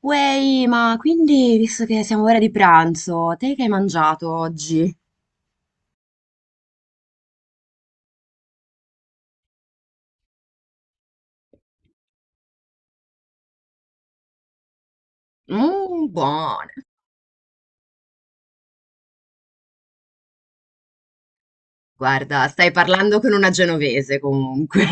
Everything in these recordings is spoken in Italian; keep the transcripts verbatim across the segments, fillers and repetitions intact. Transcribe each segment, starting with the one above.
Uey, ma quindi, visto che siamo ora di pranzo, te che hai mangiato oggi? Mmm, buone. Guarda, stai parlando con una genovese comunque.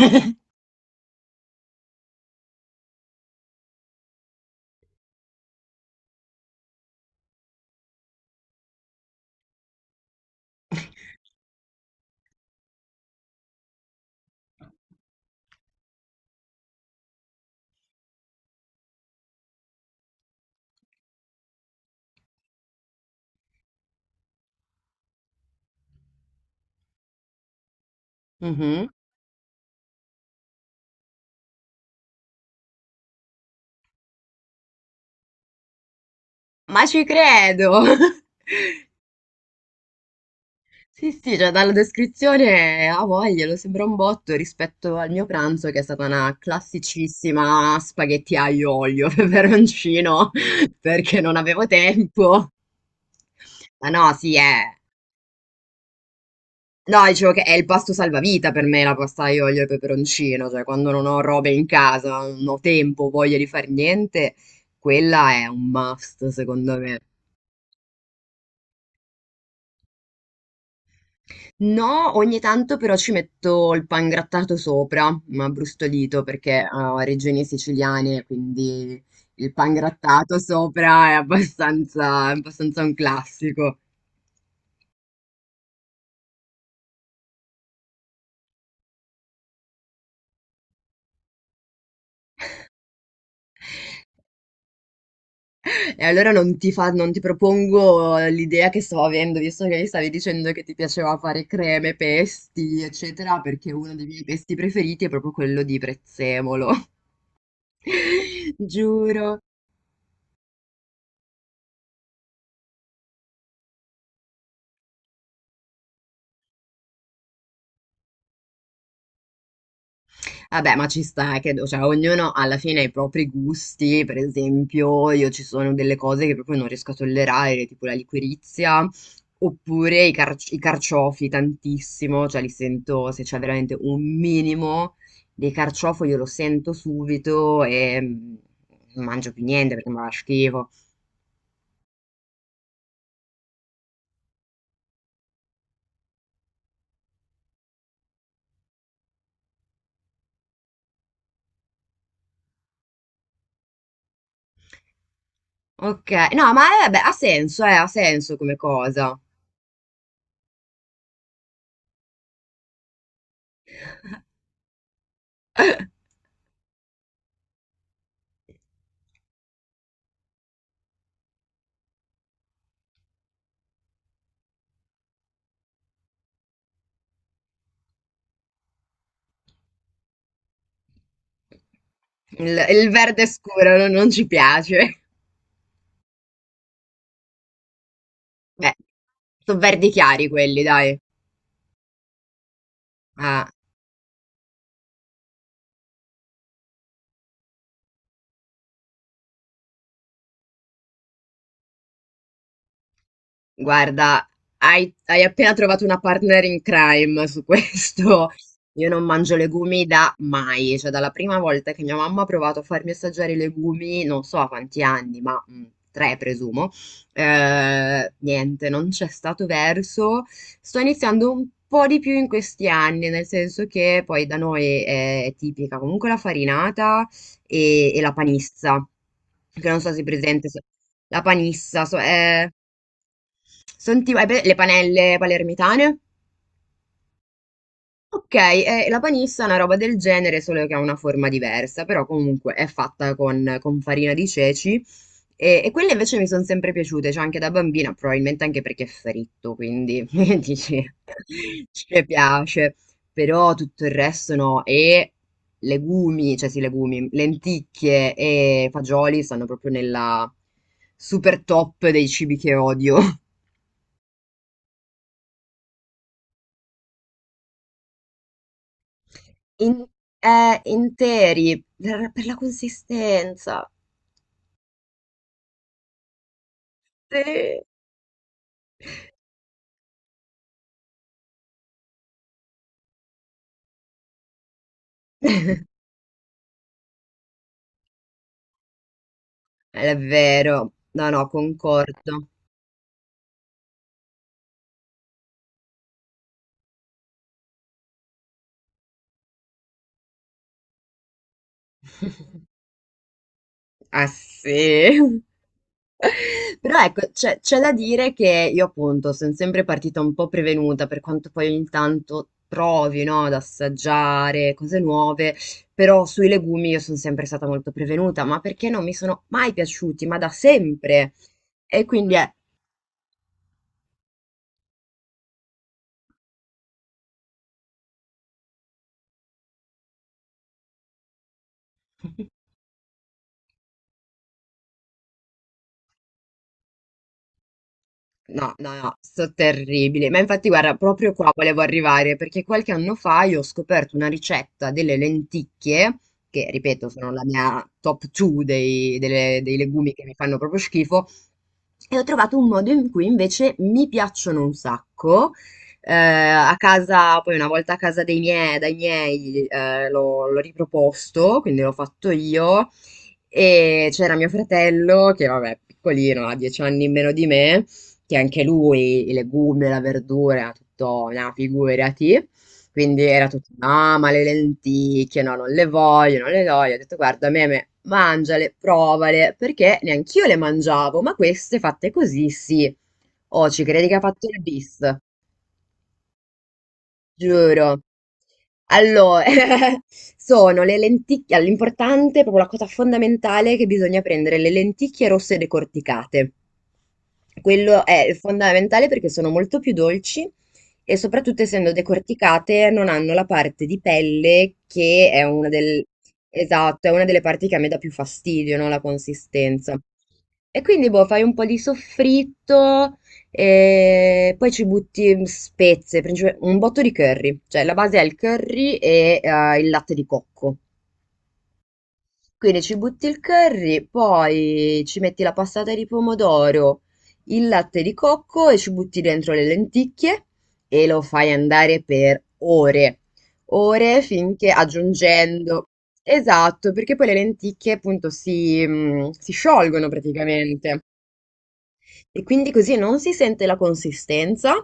Mhm. Ma ci credo! Sì, sì, cioè dalla descrizione a voglia, lo sembra un botto rispetto al mio pranzo che è stata una classicissima spaghetti aglio olio peperoncino perché non avevo tempo. Ma no, sì, è... No, dicevo che è il pasto salvavita per me la pasta aglio olio e peperoncino, cioè quando non ho robe in casa, non ho tempo, voglia di fare niente, quella è un must secondo me. No, ogni tanto però ci metto il pangrattato sopra, ma brustolito perché ah, ho regioni siciliane, quindi il pangrattato sopra è abbastanza, è abbastanza un classico. E allora non ti fa- non ti propongo l'idea che stavo avendo, visto che mi stavi dicendo che ti piaceva fare creme, pesti, eccetera, perché uno dei miei pesti preferiti è proprio quello di prezzemolo. Giuro. Vabbè, ma ci sta, credo, cioè ognuno alla fine ha i propri gusti, per esempio io ci sono delle cose che proprio non riesco a tollerare, tipo la liquirizia, oppure i, carci- i carciofi tantissimo, cioè li sento se c'è veramente un minimo di carciofo io lo sento subito e mm, non mangio più niente perché mi fa schifo. Ok, no, ma eh, vabbè, ha senso, eh, ha senso come cosa. Il, il verde scuro non non ci piace. Beh, so' verdi chiari quelli, dai. Eh. Guarda, hai hai appena trovato una partner in crime su questo. Io non mangio legumi da mai, cioè dalla prima volta che mia mamma ha provato a farmi assaggiare i legumi, non so a quanti anni, ma mh, tre presumo, eh, niente, non c'è stato verso. Sto iniziando un po' di più in questi anni, nel senso che poi da noi è, è tipica comunque la farinata e, e la panissa, che non so se è presente, se... La panissa, so, è... Senti, hai pre- le panelle palermitane? Ok, eh, la panissa è una roba del genere, solo che ha una forma diversa, però comunque è fatta con, con farina di ceci e, e quelle invece mi sono sempre piaciute, cioè anche da bambina, probabilmente anche perché è fritto, quindi dici, ci piace, però tutto il resto no, e legumi, cioè sì, legumi, lenticchie e fagioli stanno proprio nella super top dei cibi che odio. In eh, interi, per per la consistenza. Sì. È vero. No, no, concordo. Ah sì. Però ecco, c'è c'è da dire che io appunto sono sempre partita un po' prevenuta per quanto poi ogni tanto trovi, no, ad assaggiare cose nuove, però sui legumi io sono sempre stata molto prevenuta, ma perché non mi sono mai piaciuti, ma da sempre. E quindi è... No, no, no, sto terribile. Ma infatti, guarda, proprio qua volevo arrivare perché qualche anno fa io ho scoperto una ricetta delle lenticchie, che ripeto sono la mia top due dei, delle- dei legumi che mi fanno proprio schifo, e ho trovato un modo in cui invece mi piacciono un sacco. Eh, a casa, poi una volta a casa dei miei, dai miei, eh, l'ho l'ho riproposto, quindi l'ho fatto io. E c'era mio fratello, che vabbè, piccolino, ha dieci anni in meno di me, che anche lui i legumi, la verdura, era tutto, no, figurati. Quindi era tutto, no, ma le lenticchie, no, non le voglio, non le voglio. Ho detto, guarda, meme, mangiale, provale, perché neanch'io le mangiavo, ma queste fatte così, sì. Oh, ci credi che ha fatto il bis? Giuro. Allora, sono le lenticchie, l'importante, proprio la cosa fondamentale è che bisogna prendere le lenticchie rosse decorticate. Quello è fondamentale perché sono molto più dolci e soprattutto essendo decorticate non hanno la parte di pelle che è una del... Esatto, è una delle parti che a me dà più fastidio, no? La consistenza. E quindi boh, fai un po' di soffritto e poi ci butti mm, spezie, princip- un botto di curry, cioè la base è il curry e eh, il latte di cocco. Quindi ci butti il curry, poi ci metti la passata di pomodoro, il latte di cocco e ci butti dentro le lenticchie e lo fai andare per ore, ore finché aggiungendo. Esatto, perché poi le lenticchie appunto si, mm, si sciolgono praticamente. E quindi così non si sente la consistenza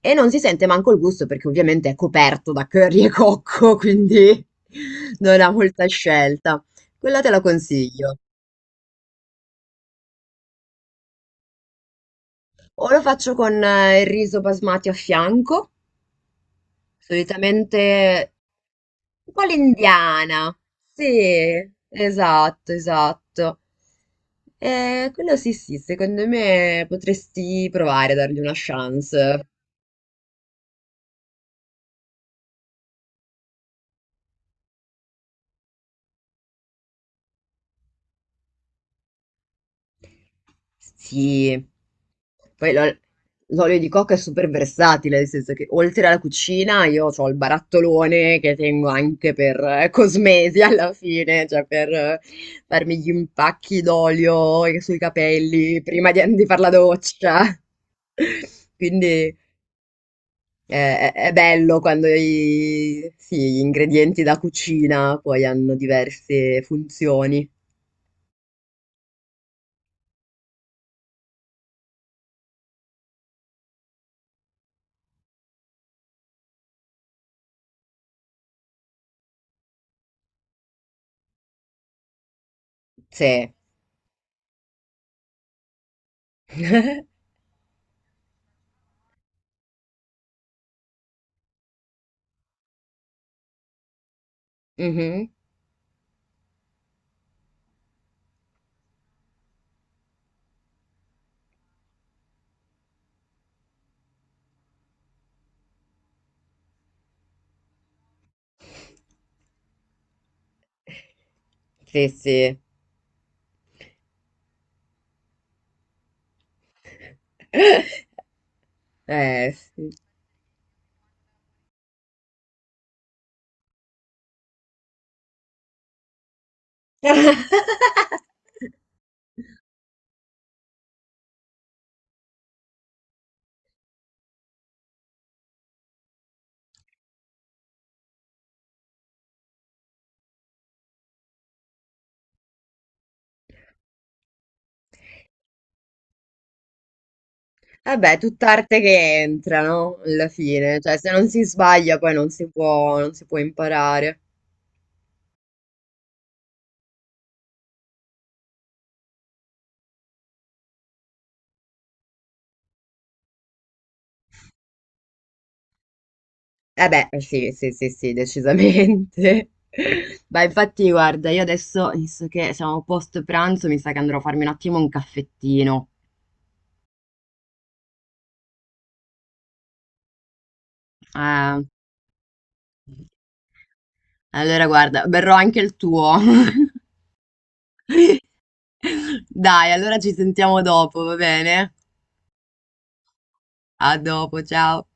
e non si sente manco il gusto, perché ovviamente è coperto da curry e cocco, quindi non ha molta scelta. Quella te la consiglio. O lo faccio con eh, il riso basmati a fianco, solitamente un po' l'indiana. Sì, esatto, esatto. Eh, quello sì, sì, secondo me potresti provare a dargli una chance. Sì. Poi l'ol l'olio di cocco è super versatile, nel senso che oltre alla cucina io ho il barattolone che tengo anche per eh, cosmesi alla fine, cioè per eh, farmi gli impacchi d'olio sui capelli prima di, di fare la doccia. Quindi eh, è, è bello quando i- sì, gli ingredienti da cucina poi hanno diverse funzioni. Sì. Mhm. Sì, sì. Eh, sì. Vabbè, tutta arte che entra, no? Alla fine, cioè se non si sbaglia poi non si può, non si può imparare. Eh beh, eh sì, sì, sì, sì, decisamente. Beh, infatti, guarda, io adesso, visto che siamo post pranzo, mi sa che andrò a farmi un attimo un caffettino. Eh, allora, guarda, berrò anche il tuo. Dai, allora ci sentiamo dopo, va bene? A dopo, ciao!